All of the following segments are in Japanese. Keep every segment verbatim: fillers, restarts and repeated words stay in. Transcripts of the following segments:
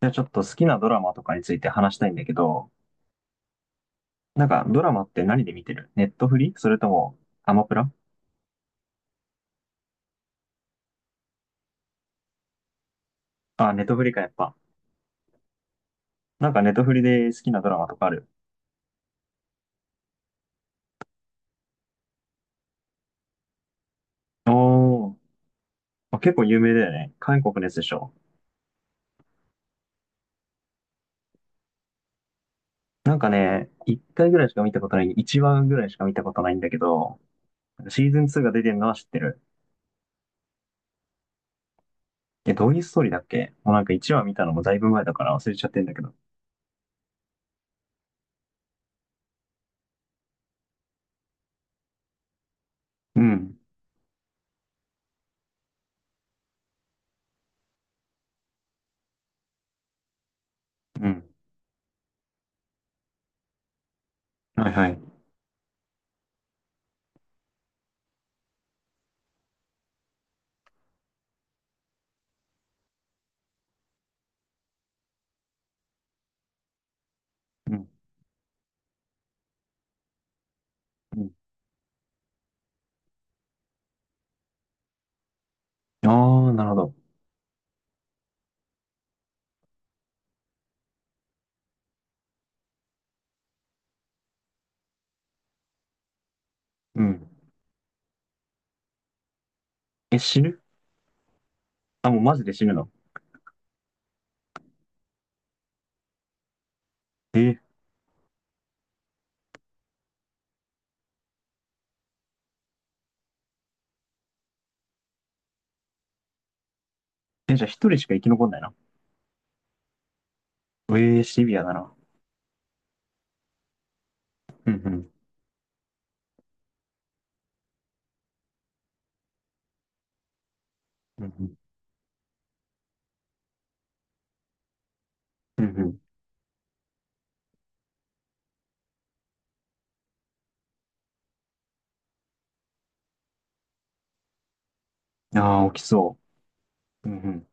じゃあちょっと好きなドラマとかについて話したいんだけど、なんかドラマって何で見てる？ネットフリそれともアマプラ？あ、ネットフリかやっぱ。なんかネットフリで好きなドラマとかある？おー、あ結構有名だよね。韓国のやつでしょ。なんかね、1回ぐらいしか見たことない、いちわぐらいしか見たことないんだけど、シーズンツーが出てるのは知ってる。え、どういうストーリーだっけ？もうなんかいちわ見たのもだいぶ前だから忘れちゃってんだけど。うん。うん。はいはい。うん。うん。あー、なるほど。うん。え、死ぬ？あ、もうマジで死ぬの？えー、え、じゃあ一人しか生き残んないな。ええ、シビアだな。うんうん。うんうん。うんうん。ああ、起きそう。うん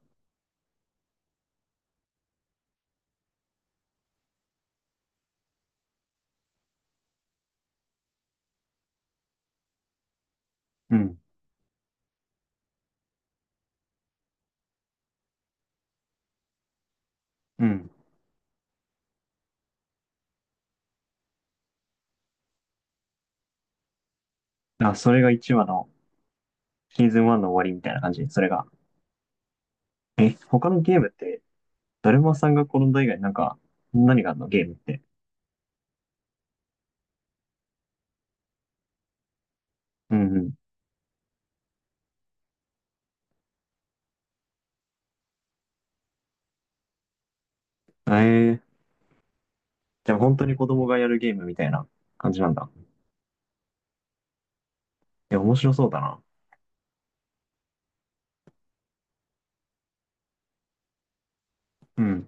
うん。うん。うん。あ、それが1話のシーズンいちの終わりみたいな感じ、それが。え、他のゲームって、だるまさんが転んだ以外なんか、何があるのゲームって？うんうん。ええ、じゃあ本当に子供がやるゲームみたいな感じなんだ。え、面白そうだな。うん。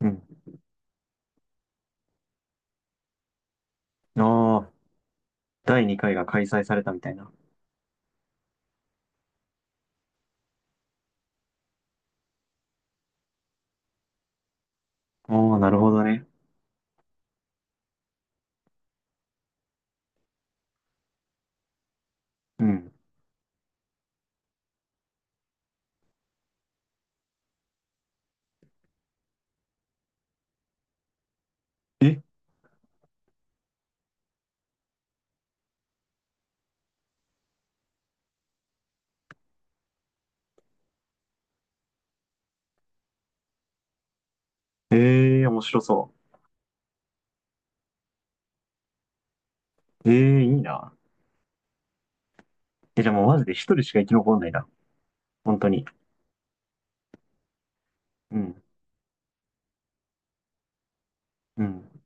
うん。ああ、だいにかいが開催されたみたいな。ああ、なるほどね。うん。え、ええ、面白そう。ええいいな。え、じゃあもうマジで一人しか生き残んないな。本当に。うん。うん。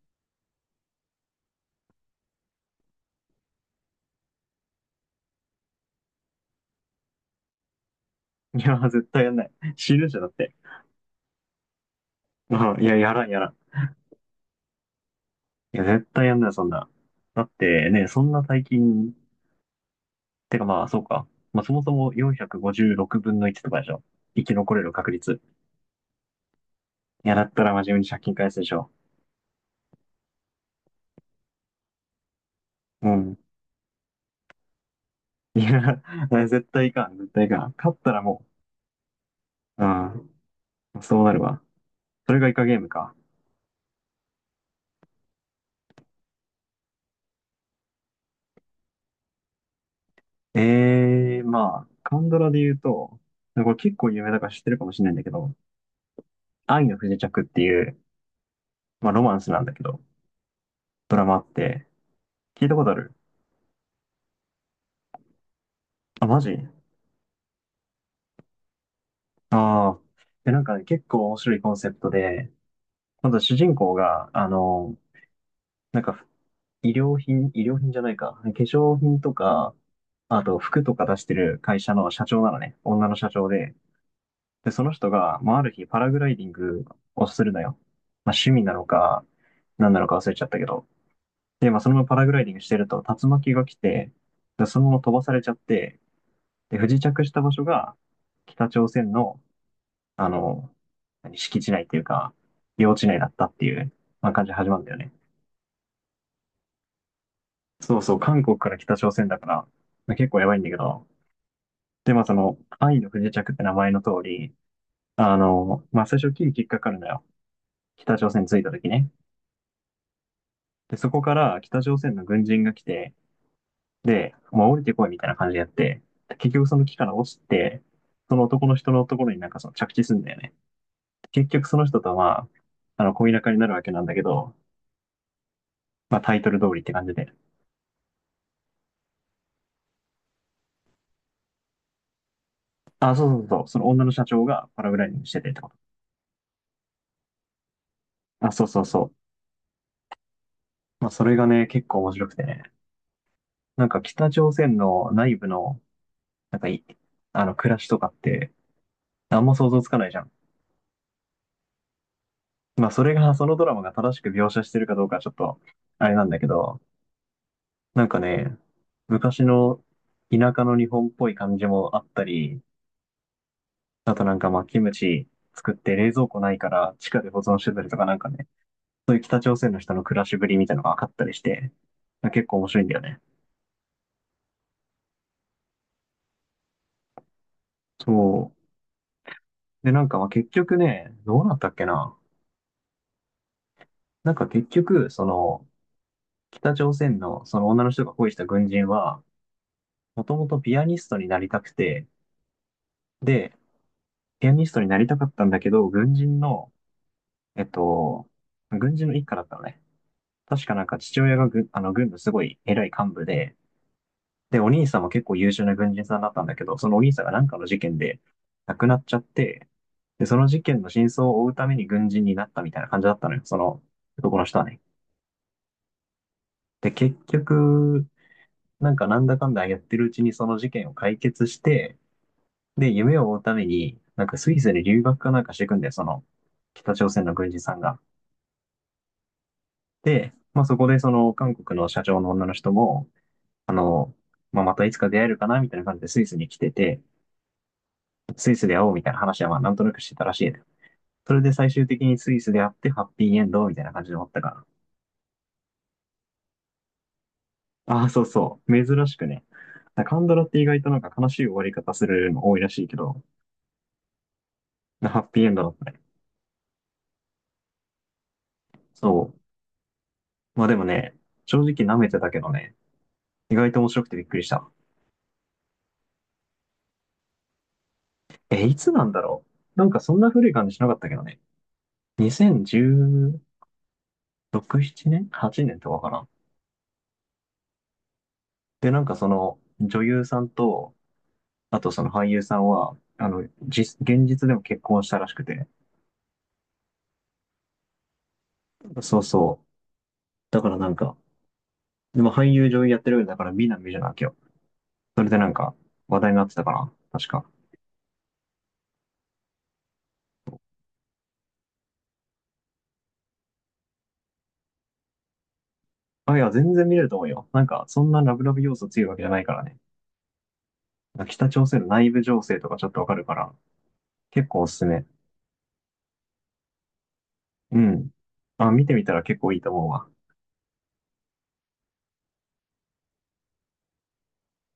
いや、絶対やんない。死ぬじゃんだって。うん。いや、やらん、やらん。いや、絶対やんない、そんな。だってね、そんな大金、てかまあ、そうか。まあ、そもそもよんひゃくごじゅうろくぶんのいちとかでしょ。生き残れる確率。いや、だったら真面目に借金返すでしょ。うん。いや、絶対いかん、絶対いかん。勝ったらもう、うん。そうなるわ。それがイカゲームか。ええまあ、韓ドラで言うと、これ結構有名だから知ってるかもしれないんだけど、愛の不時着っていう、まあロマンスなんだけど、ドラマあって、聞いたことある？あ、マジ？ああ、で、なんかね、結構面白いコンセプトで、まず主人公が、あの、なんか、医療品、医療品じゃないか、化粧品とか、あと服とか出してる会社の社長なのね、女の社長で、で、その人が、まあ、ある日パラグライディングをするのよ。まあ、趣味なのか、何なのか忘れちゃったけど。で、まあ、そのままパラグライディングしてると、竜巻が来て、で、そのまま飛ばされちゃって、で、不時着した場所が、北朝鮮の、あの、何敷地内っていうか、領地内だったっていう、まあ、感じで始まるんだよね。そうそう、韓国から北朝鮮だから、まあ、結構やばいんだけど、で、まあ、その、愛の不時着って名前の通り、あの、まあ、最初、キリキリかかるのよ。北朝鮮に着いた時ね。で、そこから北朝鮮の軍人が来て、で、もう降りてこいみたいな感じでやって、で結局その木から落ちて、その男の人のところになんかその着地するんだよね。結局その人とはまあ、あの、恋仲になるわけなんだけど、まあタイトル通りって感じで。あ、そうそうそう、その女の社長がパラグライディングしててってこと。あ、そうそうそう。まあそれがね、結構面白くてね。なんか北朝鮮の内部の、なんかいあの、暮らしとかって、あんま想像つかないじゃん。まあ、それが、そのドラマが正しく描写してるかどうかはちょっと、あれなんだけど、なんかね、昔の田舎の日本っぽい感じもあったり、あとなんかまあ、キムチ作って冷蔵庫ないから地下で保存してたりとかなんかね、そういう北朝鮮の人の暮らしぶりみたいなのが分かったりして、結構面白いんだよね。そう。で、なんかまあ結局ね、どうなったっけな。なんか結局、その、北朝鮮のその女の人が恋した軍人は、もともとピアニストになりたくて、で、ピアニストになりたかったんだけど、軍人の、えっと、軍人の一家だったのね。確かなんか父親が軍、あの、軍のすごい偉い幹部で、で、お兄さんも結構優秀な軍人さんだったんだけど、そのお兄さんがなんかの事件で亡くなっちゃって、で、その事件の真相を追うために軍人になったみたいな感じだったのよ、その男の人はね。で、結局、なんかなんだかんだやってるうちにその事件を解決して、で、夢を追うために、なんかスイスに留学かなんかしていくんだよ、その北朝鮮の軍人さんが。で、まあそこでその韓国の社長の女の人も、あの、まあまたいつか出会えるかなみたいな感じでスイスに来てて、スイスで会おうみたいな話はまあなんとなくしてたらしいね。それで最終的にスイスで会ってハッピーエンドみたいな感じで終わったから。ああ、そうそう。珍しくね。カンドラって意外となんか悲しい終わり方するの多いらしいけど、ハッピーエンドだったね。そう。まあでもね、正直舐めてたけどね、意外と面白くてびっくりした。え、いつなんだろう？なんかそんな古い感じしなかったけどね。にせんじゅう、ろく、ななねん？ はち 年とかかな。で、なんかその女優さんと、あとその俳優さんは、あの、実、現実でも結婚したらしくて。そうそう。だからなんか、でも俳優女優やってるよりだから美男美女なわけよ。それでなんか話題になってたかな。確か。あ、いや、全然見れると思うよ。なんか、そんなラブラブ要素強いわけじゃないからね。北朝鮮の内部情勢とかちょっとわかるから、結構おすすめ。うん。あ、見てみたら結構いいと思うわ。